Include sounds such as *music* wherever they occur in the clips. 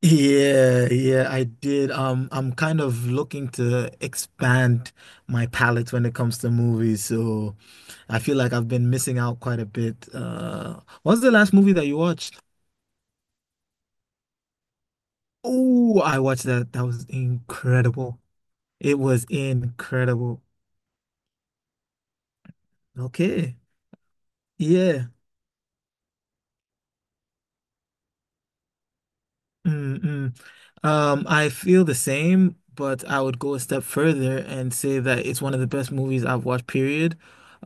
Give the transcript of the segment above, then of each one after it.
Yeah, yeah, I did. I'm kind of looking to expand my palette when it comes to movies, so I feel like I've been missing out quite a bit. What's the last movie that you watched? Oh, I watched that. That was incredible. It was incredible. Okay. Yeah. Mm-mm. I feel the same, but I would go a step further and say that it's one of the best movies I've watched, period.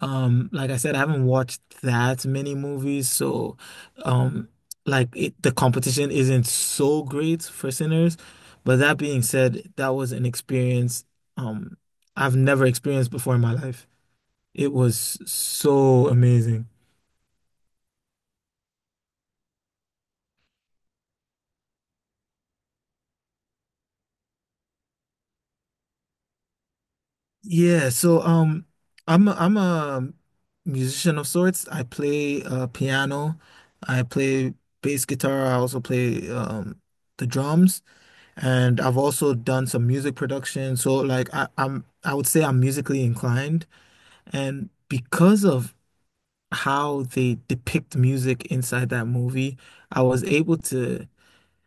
Like I said, I haven't watched that many movies, so um, the competition isn't so great for Sinners. But that being said, that was an experience um I've never experienced before in my life. It was so amazing. Yeah, so I'm a musician of sorts. I play piano, I play bass guitar, I also play the drums, and I've also done some music production. So I would say I'm musically inclined, and because of how they depict music inside that movie, I was able to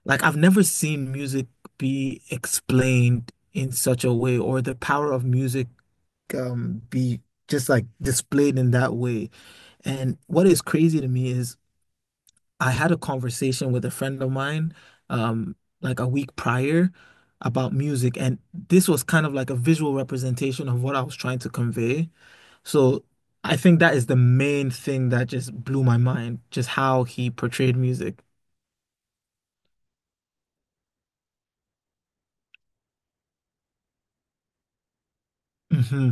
like I've never seen music be explained in such a way or the power of music be just like displayed in that way. And what is crazy to me is I had a conversation with a friend of mine um like a week prior about music, and this was kind of like a visual representation of what I was trying to convey. So I think that is the main thing that just blew my mind, just how he portrayed music. Hmm.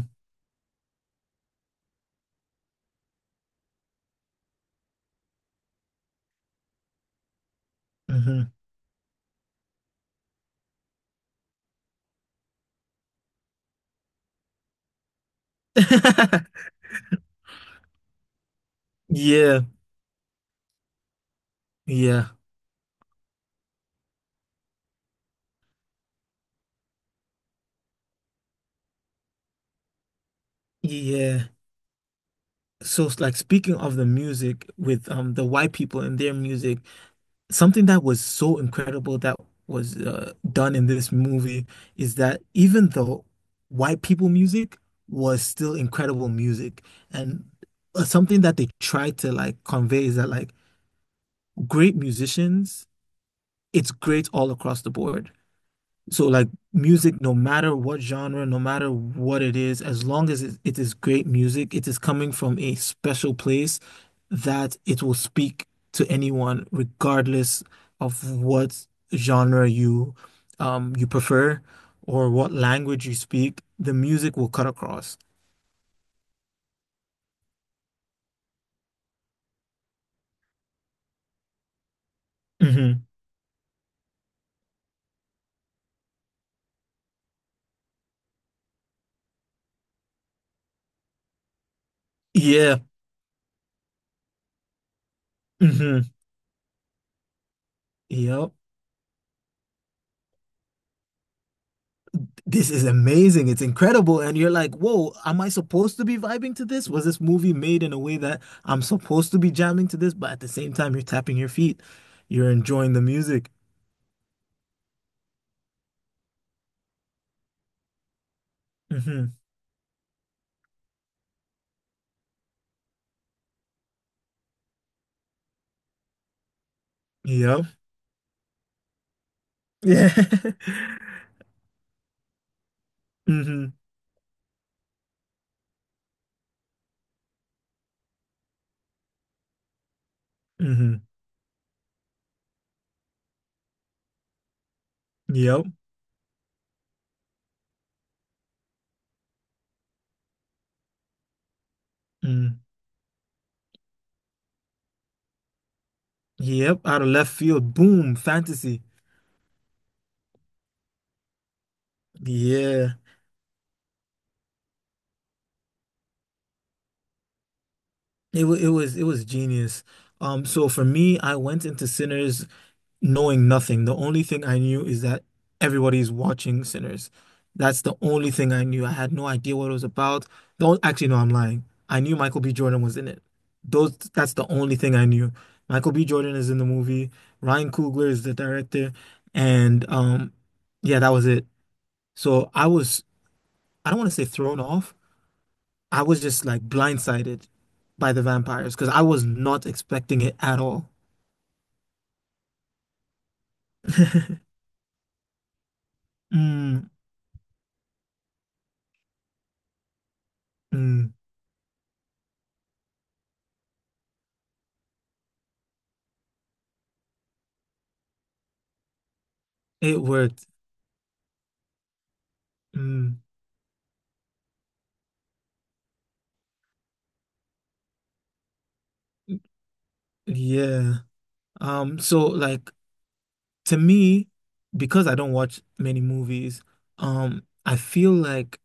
Hmm. *laughs* Yeah, yeah, yeah. So it's like speaking of the music with the white people and their music, something that was so incredible that was done in this movie is that even though white people music was still incredible music, and something that they tried to like convey is that like great musicians, it's great all across the board. So like music, no matter what genre, no matter what it is, as long as it is great music, it is coming from a special place that it will speak to anyone, regardless of what genre you you prefer or what language you speak, the music will cut across. Hmm. Yeah. Hmm. Yep. This is amazing. It's incredible. And you're like, whoa, am I supposed to be vibing to this? Was this movie made in a way that I'm supposed to be jamming to this? But at the same time, you're tapping your feet. You're enjoying the music. Mm-hmm. Yep. Yeah. *laughs* Mm-hmm. Mm-hmm. Yep. Mm. Yep. Out of left field. Boom. Fantasy. Yeah. It was genius. So for me, I went into Sinners knowing nothing. The only thing I knew is that everybody's watching Sinners. That's the only thing I knew. I had no idea what it was about. Don't actually, no, I'm lying. I knew Michael B. Jordan was in it. Those that's the only thing I knew. Michael B. Jordan is in the movie. Ryan Coogler is the director, and yeah, that was it. So I was, I don't want to say thrown off. I was just like blindsided by the vampires because I was not expecting it at all. *laughs* Mm, mm. It worked. Mm, yeah. So like to me, because I don't watch many movies, I feel like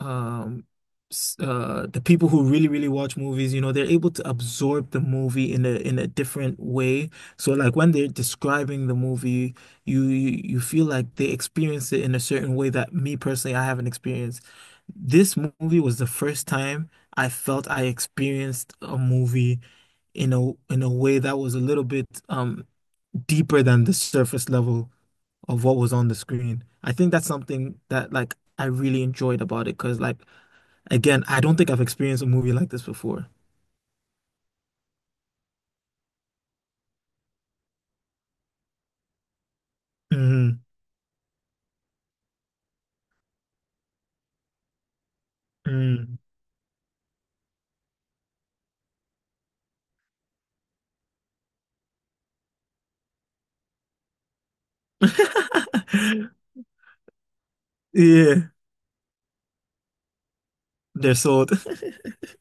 um the people who really, really watch movies, you know, they're able to absorb the movie in a different way. So like when they're describing the movie, you feel like they experience it in a certain way that me personally I haven't experienced. This movie was the first time I felt I experienced a movie in a way that was a little bit deeper than the surface level of what was on the screen. I think that's something that like I really enjoyed about it because like again, I don't think I've experienced a movie like this before. Hmm. Mm. *laughs* Yeah, they're sold. *laughs*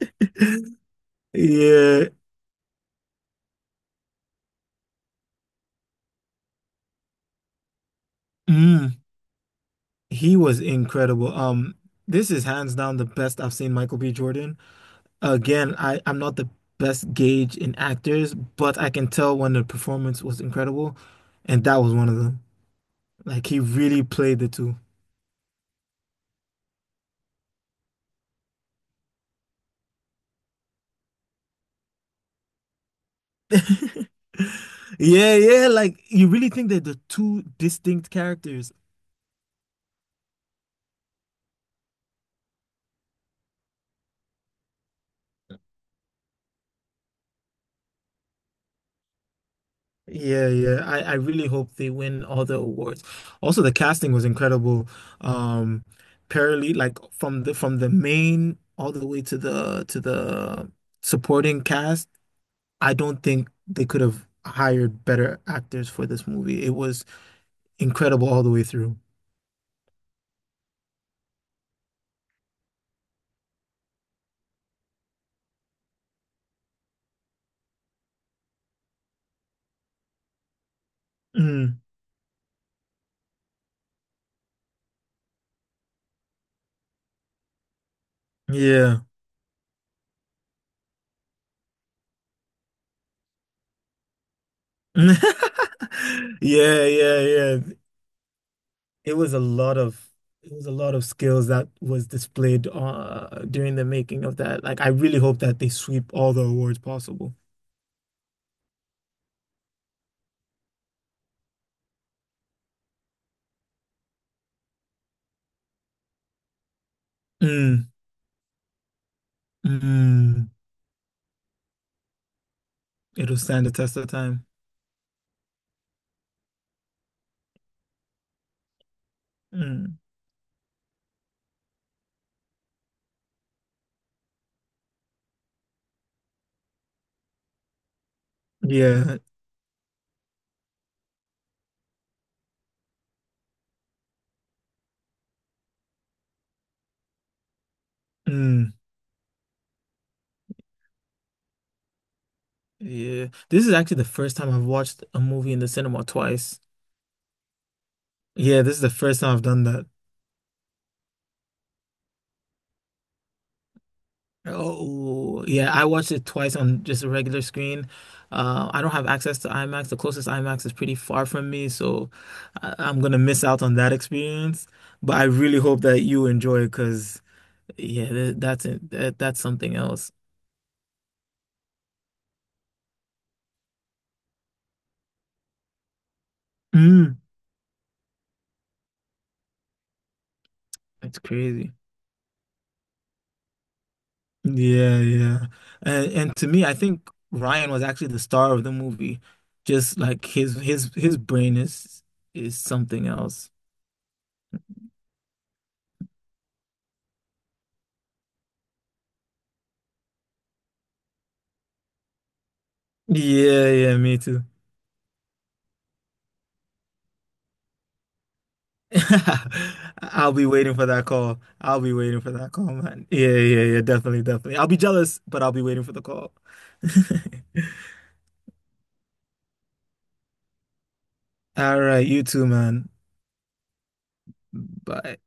Yeah. Mm. He was incredible. This is hands down the best I've seen Michael B. Jordan. Again, I'm not the best gauge in actors, but I can tell when the performance was incredible, and that was one of them. Like he really played the two. *laughs* Yeah, yeah, like you really think they're the two distinct characters. Yeah, yeah. I really hope they win all the awards. Also, the casting was incredible. Um, parallel, like from the main all the way to the supporting cast. I don't think they could have hired better actors for this movie. It was incredible all the way through. Mm, yeah. *laughs* Yeah, yeah, yeah. It was a lot of it was a lot of skills that was displayed during the making of that. Like I really hope that they sweep all the awards possible. Mm, mm. It'll stand the test of time. Mm, yeah. Mm, yeah. This is actually the first time I've watched a movie in the cinema twice. Yeah, this is the first time I've done that. Oh, yeah, I watched it twice on just a regular screen. I don't have access to IMAX. The closest IMAX is pretty far from me, so I'm gonna miss out on that experience. But I really hope that you enjoy it because, yeah, th that's it. That's something else. Mm, that's crazy. Yeah, yeah. And to me, I think Ryan was actually the star of the movie. Just like his his brain is something else. Yeah, yeah, me too. *laughs* I'll be waiting for that call. I'll be waiting for that call, man. Yeah, yeah, yeah, definitely, definitely. I'll be jealous, but I'll be waiting for the call. *laughs* All right, you too, man. Bye.